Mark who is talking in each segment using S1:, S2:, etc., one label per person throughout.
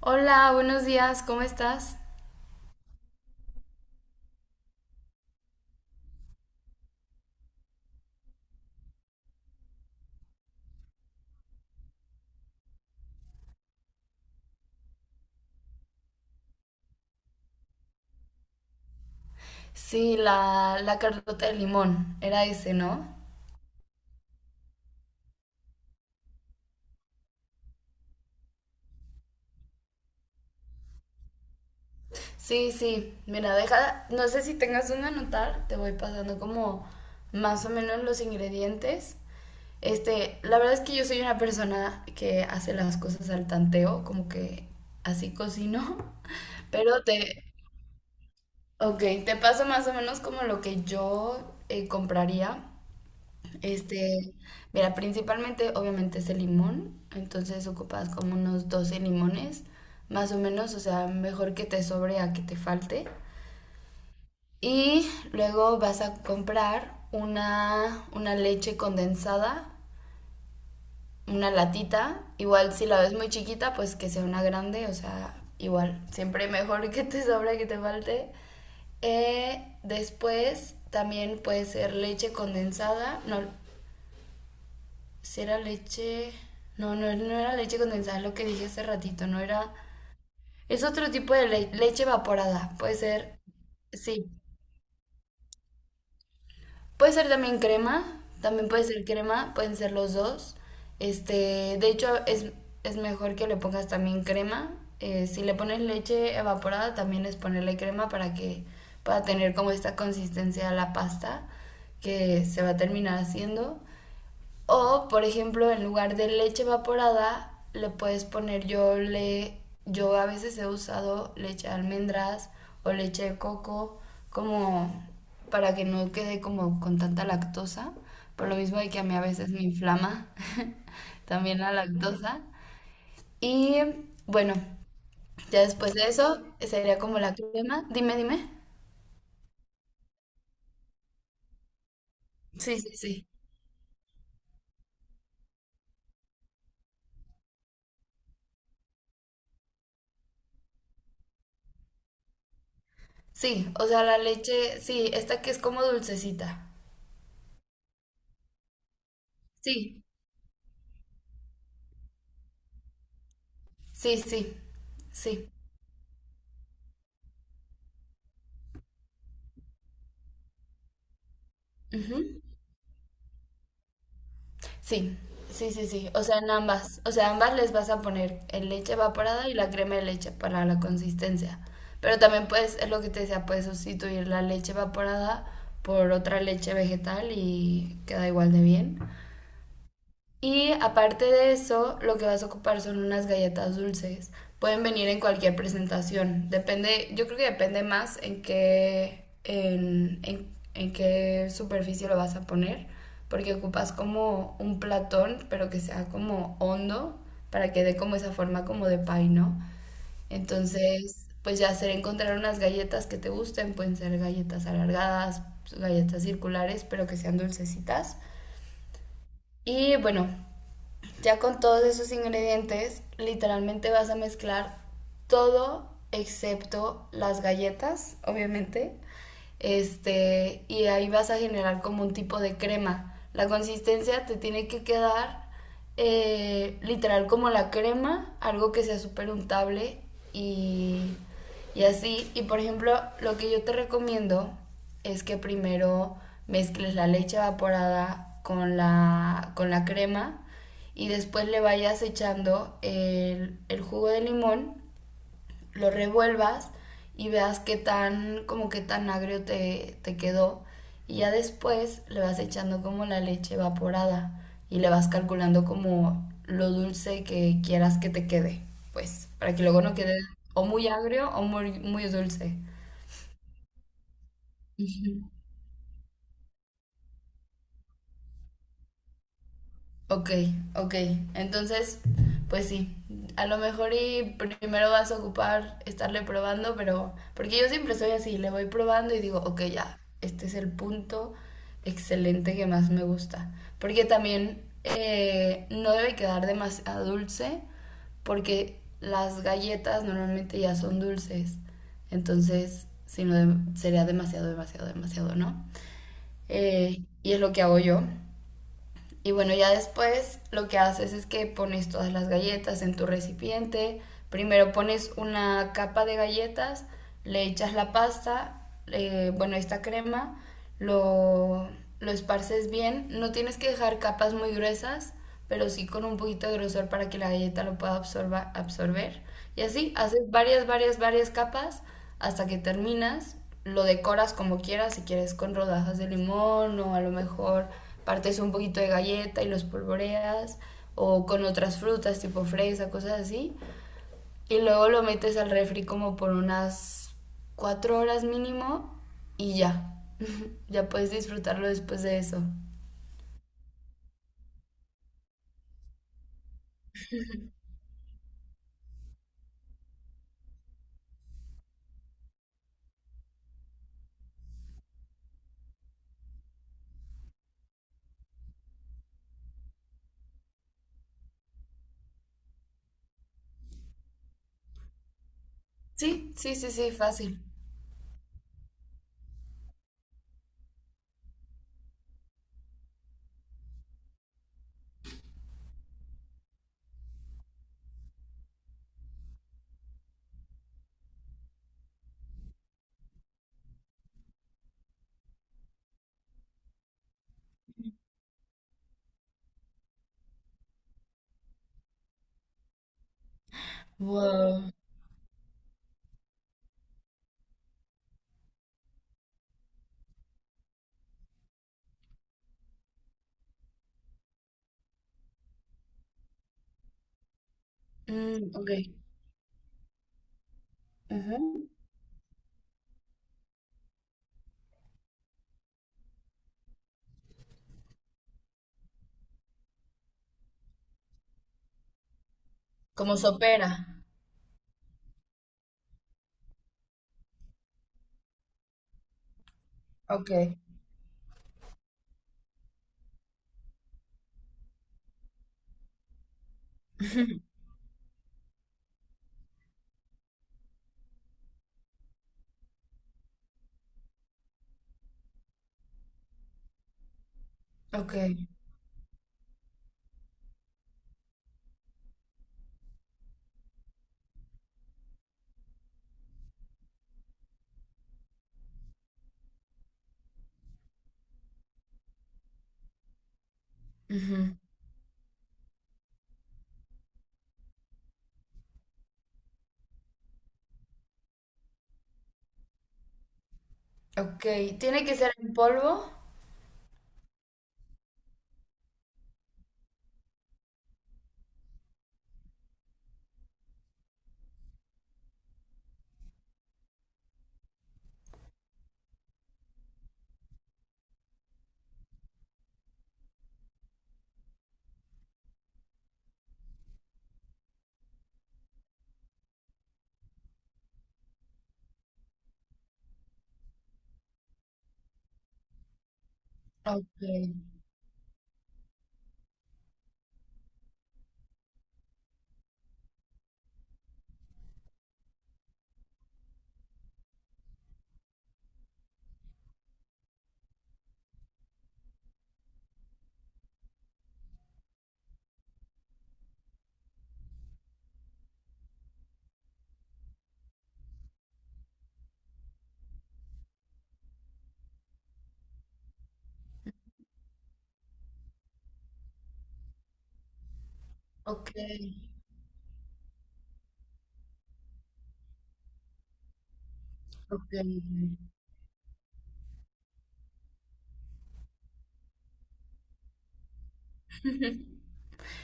S1: Hola, buenos días, ¿cómo estás? Sí, la Carlota de Limón, era ese, ¿no? Sí, sí, mira, deja, no sé si tengas un anotar, te voy pasando como más o menos los ingredientes. La verdad es que yo soy una persona que hace las cosas al tanteo, como que así cocino. pero te, ok, te paso más o menos como lo que yo compraría. Este, Mira, principalmente obviamente es el limón, entonces ocupas como unos 12 limones, más o menos, o sea, mejor que te sobre a que te falte. Y luego vas a comprar una leche condensada, una latita, igual si la ves muy chiquita, pues que sea una grande, o sea, igual, siempre mejor que te sobre a que te falte. Después también puede ser leche condensada, no. Si era leche. No, no, no era leche condensada, lo que dije hace ratito, no era. Es otro tipo de leche evaporada. Puede ser. Sí. Puede ser también crema. También puede ser crema. Pueden ser los dos. De hecho, es mejor que le pongas también crema. Si le pones leche evaporada, también es ponerle crema para que pueda tener como esta consistencia a la pasta que se va a terminar haciendo. O, por ejemplo, en lugar de leche evaporada, le puedes poner yo a veces he usado leche de almendras o leche de coco como para que no quede como con tanta lactosa, por lo mismo de que a mí a veces me inflama también la lactosa. Y bueno, ya después de eso sería como la crema. Dime, dime. Sí, sí, sí. Sí, o sea, la leche, sí, esta que es como dulcecita. Sí, sí, sí, sí. Ujú. Sí, sí, sí, sí. O sea, en ambas. O sea, ambas les vas a poner el leche evaporada y la crema de leche para la consistencia. Pero también puedes, es lo que te decía, puedes sustituir la leche evaporada por otra leche vegetal y queda igual de bien. Y aparte de eso, lo que vas a ocupar son unas galletas dulces. Pueden venir en cualquier presentación. Depende, yo creo que depende más en qué superficie lo vas a poner, porque ocupas como un platón, pero que sea como hondo, para que dé como esa forma como de pie, ¿no? Entonces, pues ya será encontrar unas galletas que te gusten, pueden ser galletas alargadas, galletas circulares, pero que sean dulcecitas. Y bueno, ya con todos esos ingredientes, literalmente vas a mezclar todo excepto las galletas, obviamente. Y ahí vas a generar como un tipo de crema. La consistencia te tiene que quedar literal como la crema, algo que sea súper untable y, y así. Y por ejemplo, lo que yo te recomiendo es que primero mezcles la leche evaporada con la crema y después le vayas echando el jugo de limón, lo revuelvas y veas qué tan, como qué tan agrio te quedó. Y ya después le vas echando como la leche evaporada y le vas calculando como lo dulce que quieras que te quede, pues, para que luego no quede o muy agrio o muy, muy dulce. Ok, ok. Entonces, pues sí, a lo mejor y primero vas a ocupar estarle probando, pero porque yo siempre soy así, le voy probando y digo, ok, ya, este es el punto excelente que más me gusta. Porque también no debe quedar demasiado dulce, porque las galletas normalmente ya son dulces. Entonces, si no, sería demasiado, demasiado, demasiado, ¿no? Y es lo que hago yo. Y bueno, ya después lo que haces es que pones todas las galletas en tu recipiente. Primero pones una capa de galletas, le echas la pasta, bueno, esta crema, lo, lo esparces bien. No tienes que dejar capas muy gruesas, pero sí con un poquito de grosor para que la galleta lo pueda absorber. Y así, haces varias, varias, varias capas hasta que terminas, lo decoras como quieras, si quieres con rodajas de limón o a lo mejor partes un poquito de galleta y los polvoreas o con otras frutas tipo fresa, cosas así. Y luego lo metes al refri como por unas 4 horas mínimo y ya. Ya puedes disfrutarlo después de eso. Sí, sí, sí, sí, fácil. Wow. Mm, ok. Ujú. Como sopera. Ok. Ok, ujú. Ok, ¿tiene que ser en polvo? Ok, ok, ok.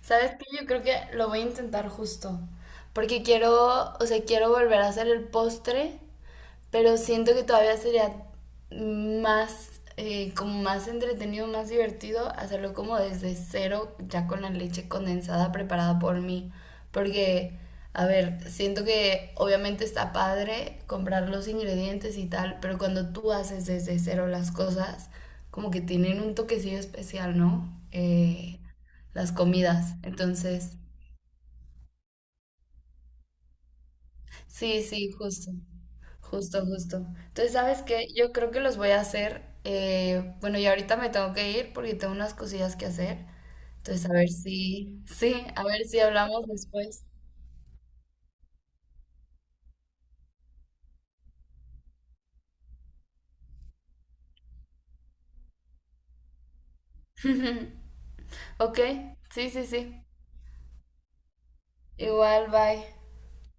S1: ¿Sabes qué? Yo creo que lo voy a intentar justo, porque quiero, o sea, quiero volver a hacer el postre. Pero siento que todavía sería más, como más entretenido, más divertido hacerlo como desde cero, ya con la leche condensada preparada por mí. Porque, a ver, siento que obviamente está padre comprar los ingredientes y tal, pero cuando tú haces desde cero las cosas, como que tienen un toquecillo especial, ¿no? Las comidas. Entonces, sí, sí, justo. Justo, justo. Entonces, ¿sabes qué? Yo creo que los voy a hacer. Bueno, y ahorita me tengo que ir porque tengo unas cosillas que hacer. Entonces, a ver si, sí, a ver si hablamos después. Ok, sí, sí, sí. Igual, bye.